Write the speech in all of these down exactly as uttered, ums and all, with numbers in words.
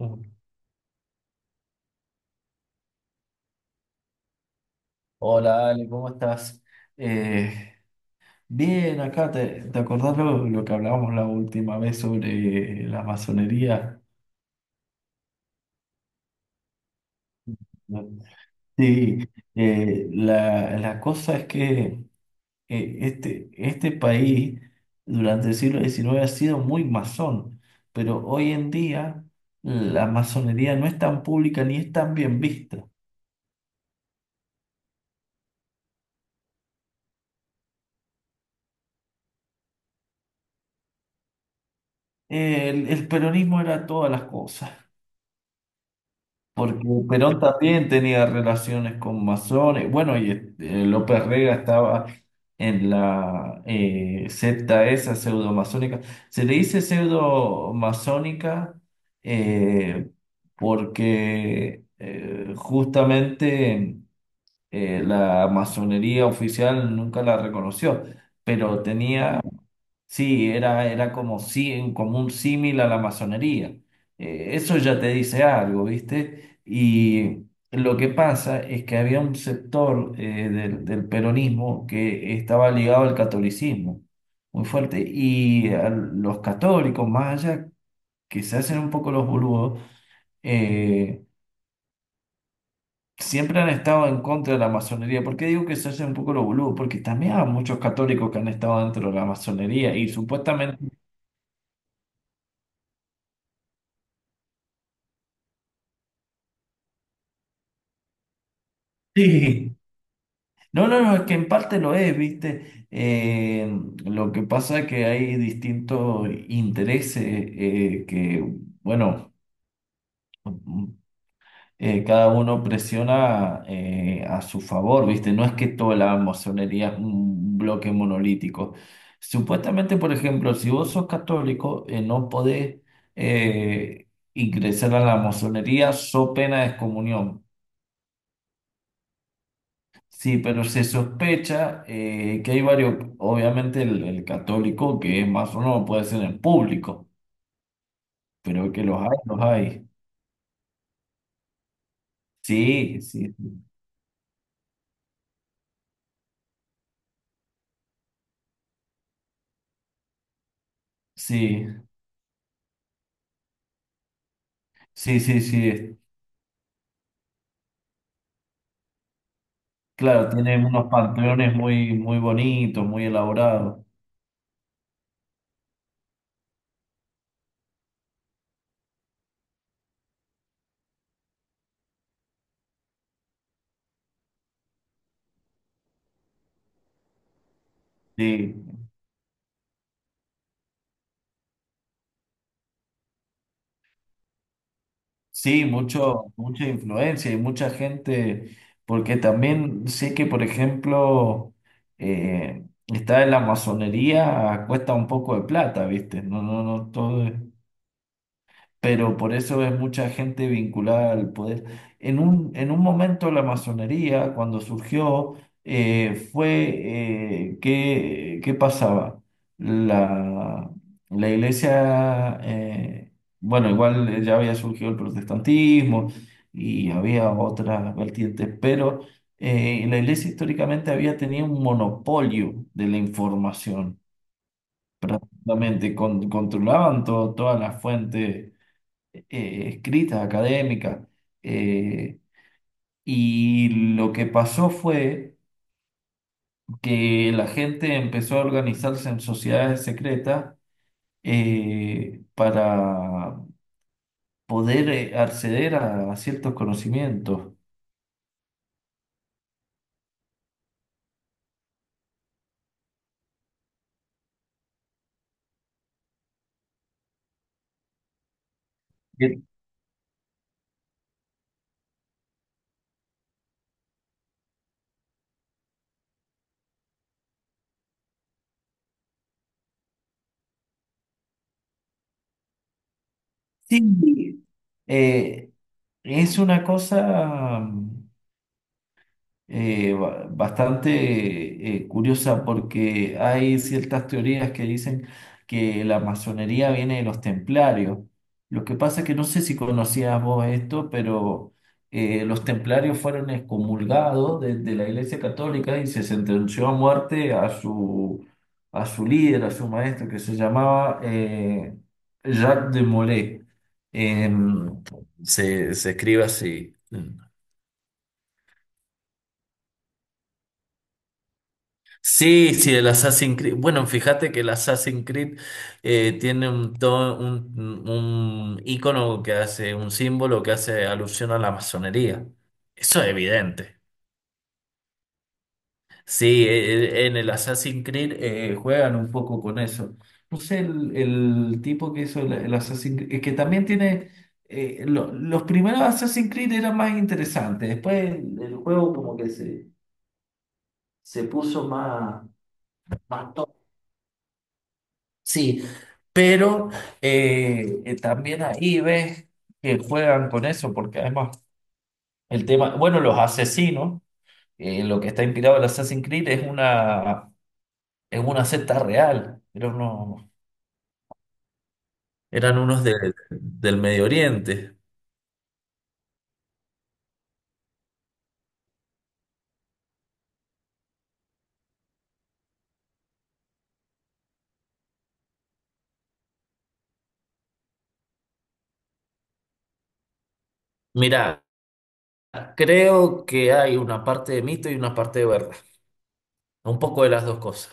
Mm. Hola Ale, ¿cómo estás? Eh, bien, acá te, ¿te acordás lo, lo que hablábamos la última vez sobre la masonería? Sí, eh, la, la cosa es que eh, este, este país durante el siglo diecinueve ha sido muy masón, pero hoy en día la masonería no es tan pública ni es tan bien vista. El, el peronismo era todas las cosas. Porque Perón también tenía relaciones con masones. Bueno, y eh, López Rega estaba en la eh, secta esa pseudo-masónica. Se le dice pseudo-masónica eh, porque eh, justamente eh, la masonería oficial nunca la reconoció, pero tenía. Sí, era, era como, sí, como un símil a la masonería. Eh, eso ya te dice algo, ¿viste? Y lo que pasa es que había un sector eh, del, del peronismo que estaba ligado al catolicismo, muy fuerte, y a los católicos, más allá que se hacen un poco los boludos, eh, siempre han estado en contra de la masonería. ¿Por qué digo que se hacen un poco los boludos? Porque también hay muchos católicos que han estado dentro de la masonería y supuestamente... Sí. No, no, no, es que en parte lo es, ¿viste? Eh, lo que pasa es que hay distintos intereses eh, que, bueno, eh, cada uno presiona eh, a su favor, ¿viste? No es que toda la masonería es un bloque monolítico. Supuestamente, por ejemplo, si vos sos católico, eh, no podés eh, ingresar a la masonería, so pena de excomunión. Sí, pero se sospecha eh, que hay varios, obviamente el, el católico que es más o no puede ser en público, pero que los hay, los hay. Sí, sí, sí, sí, sí, sí. es- Claro, tienen unos pantalones muy, muy bonitos, muy elaborados. Sí, sí, mucho, mucha influencia y mucha gente, porque también sé que, por ejemplo, eh, estar en la masonería cuesta un poco de plata, ¿viste? No, no, no, todo es... pero por eso es mucha gente vinculada al poder. En un, en un momento la masonería, cuando surgió, eh, fue, eh, ¿qué, qué pasaba? La, la iglesia, eh, bueno, igual eh, ya había surgido el protestantismo y había otras vertientes, pero eh, la iglesia históricamente había tenido un monopolio de la información. Justamente, con- controlaban todo, todas las fuentes eh, escrita, académica. eh, y lo que pasó fue que la gente empezó a organizarse en sociedades secretas eh, para poder eh, acceder a, a ciertos conocimientos. Bien. Sí, eh, es una cosa eh, ba- bastante eh, curiosa porque hay ciertas teorías que dicen que la masonería viene de los templarios. Lo que pasa es que no sé si conocías vos esto, pero eh, los templarios fueron excomulgados de, de la Iglesia Católica y se sentenció a muerte a su, a su líder, a su maestro, que se llamaba eh, Jacques de Molay. Em, se, se escribe así. Sí, sí, el Assassin's Creed. Bueno, fíjate que el Assassin's Creed eh, tiene un, to- un, un icono que hace, un símbolo que hace alusión a la masonería. Eso es evidente. Sí, e- e- en el Assassin's Creed eh, juegan un poco con eso. No sé, el, el tipo que hizo el, el Assassin's Creed, que también tiene... eh, lo- los primeros Assassin's Creed eran más interesantes. Después el, el juego como que se, se puso más... más Sí, pero eh, eh, también ahí ves que juegan con eso, porque además el tema, bueno, los asesinos, eh, lo que está inspirado el Assassin's Creed es una es una secta real, eran unos, eran unos de- del Medio Oriente. Mira, creo que hay una parte de mito y una parte de verdad, un poco de las dos cosas.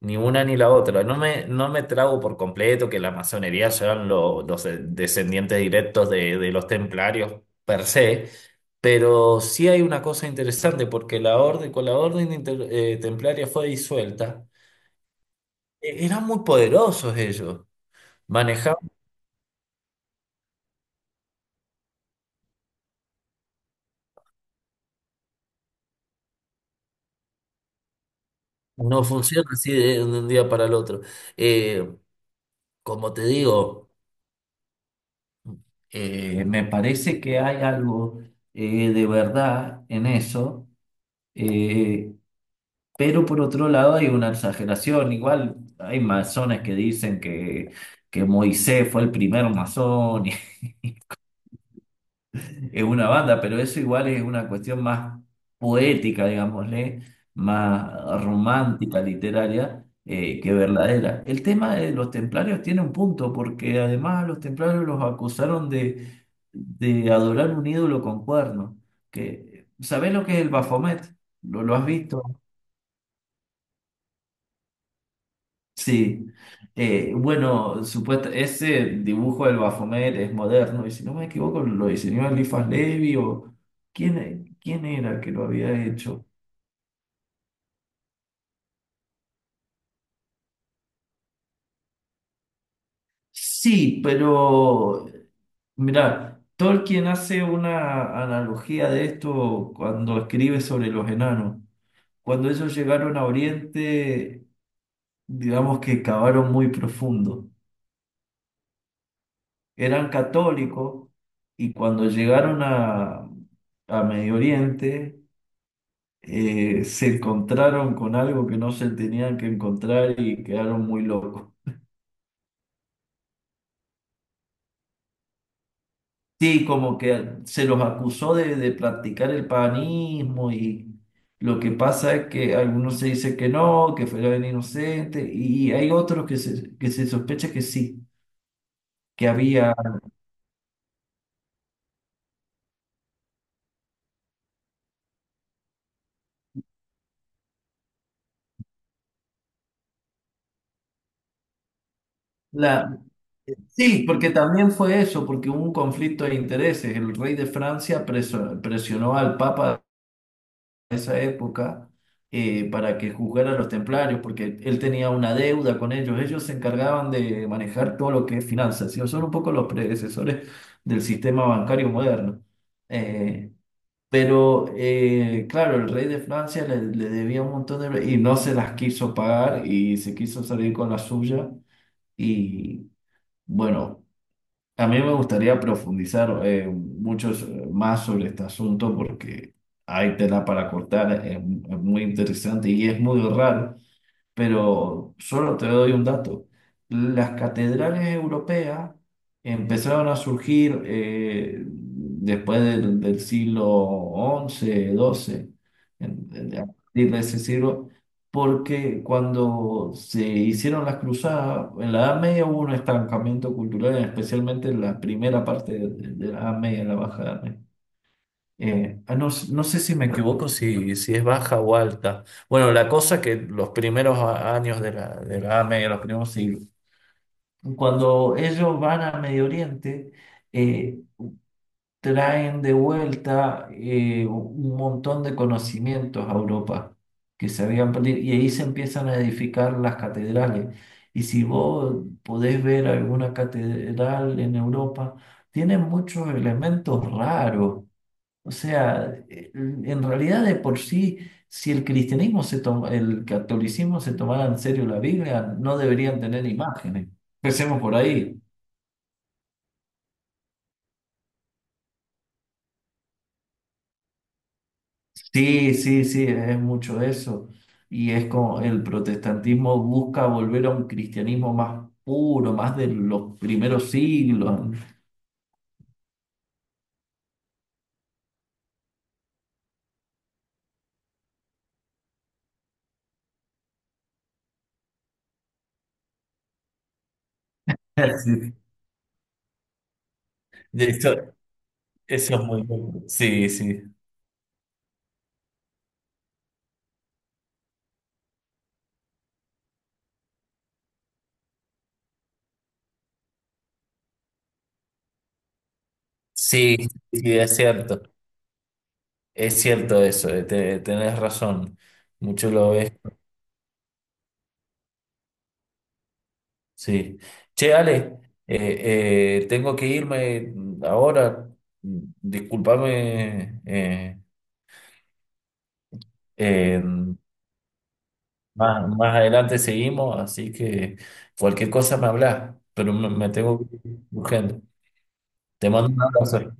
Ni una ni la otra. No me, no me trago por completo que la masonería sean lo- los de- descendientes directos de, de los templarios per se, pero sí hay una cosa interesante, porque la orden, con la orden inter- eh, templaria fue disuelta, e- eran muy poderosos ellos, manejaban, no funciona así de, de un día para el otro. Eh, como te digo, eh, me parece que hay algo eh, de verdad en eso. Eh, Pero por otro lado hay una exageración, igual hay masones que dicen que, que Moisés fue el primer masón, y es una banda, pero eso igual es una cuestión más poética, digámosle, más romántica, literaria, eh, que verdadera. El tema de los templarios tiene un punto, porque además a los templarios los acusaron de, de adorar un ídolo con cuernos. Que, ¿sabés lo que es el Bafomet? ¿Lo, ¿lo has visto? Sí. Eh, bueno, supuesto, ese dibujo del Baphomet es moderno y si no me equivoco lo diseñó Eliphas Levi o ¿quién, quién era que lo había hecho? Sí, pero mira, Tolkien hace una analogía de esto cuando escribe sobre los enanos. Cuando ellos llegaron a Oriente, digamos que cavaron muy profundo. Eran católicos y cuando llegaron a, a Medio Oriente, eh, se encontraron con algo que no se tenían que encontrar y quedaron muy locos. Sí, como que se los acusó de, de practicar el paganismo y lo que pasa es que algunos se dice que no, que fueron inocentes y hay otros que se, que se sospecha que sí, que había la... Sí, porque también fue eso, porque hubo un conflicto de intereses. El rey de Francia preso- presionó al Papa esa época eh, para que juzgara a los templarios, porque él tenía una deuda con ellos. Ellos se encargaban de manejar todo lo que es finanzas, ¿sí? Son un poco los predecesores del sistema bancario moderno. Eh, pero, eh, claro, el rey de Francia le, le debía un montón de... y no se las quiso pagar y se quiso salir con la suya. Y bueno. También me gustaría profundizar eh, mucho so- más sobre este asunto porque hay tela para cortar, es, es muy interesante y es muy raro pero solo te doy un dato. Las catedrales europeas empezaron a surgir eh, después del, del siglo once doce en- en- a partir de ese siglo, porque cuando se hicieron las cruzadas, en la Edad Media hubo un estancamiento cultural, especialmente en la primera parte de, de la Edad Media, en la Baja Edad Media. Eh, ah, no, s- no sé si me equivoco, si, si es baja o alta. Bueno, la cosa que los primeros a- años de la, de la Edad Media, los primeros siglos, cuando ellos van a Medio Oriente, eh, traen de vuelta eh, un montón de conocimientos a Europa que se habían perdido y ahí se empiezan a edificar las catedrales. Y si vos podés ver alguna catedral en Europa, tiene muchos elementos raros, o sea, eh, en realidad de por sí, si el cristianismo se toma, el catolicismo se tomara en serio la Biblia, no deberían tener imágenes. Empecemos por ahí. Sí, sí, sí, es mucho eso. Y es como el protestantismo busca volver a un cristianismo más puro, más de los primeros siglos. Sí. De Eso, eso es muy bueno. Sí, sí. Sí, sí, es cierto. Es cierto eso, eh, te- tenés razón. Mucho lo ves. Sí. Che, Ale, eh, eh, tengo que irme ahora. Discúlpame, eh, eh, más, más adelante seguimos, así que cualquier cosa me hablas, pero me, me tengo que ir urgente. Te mando un abrazo.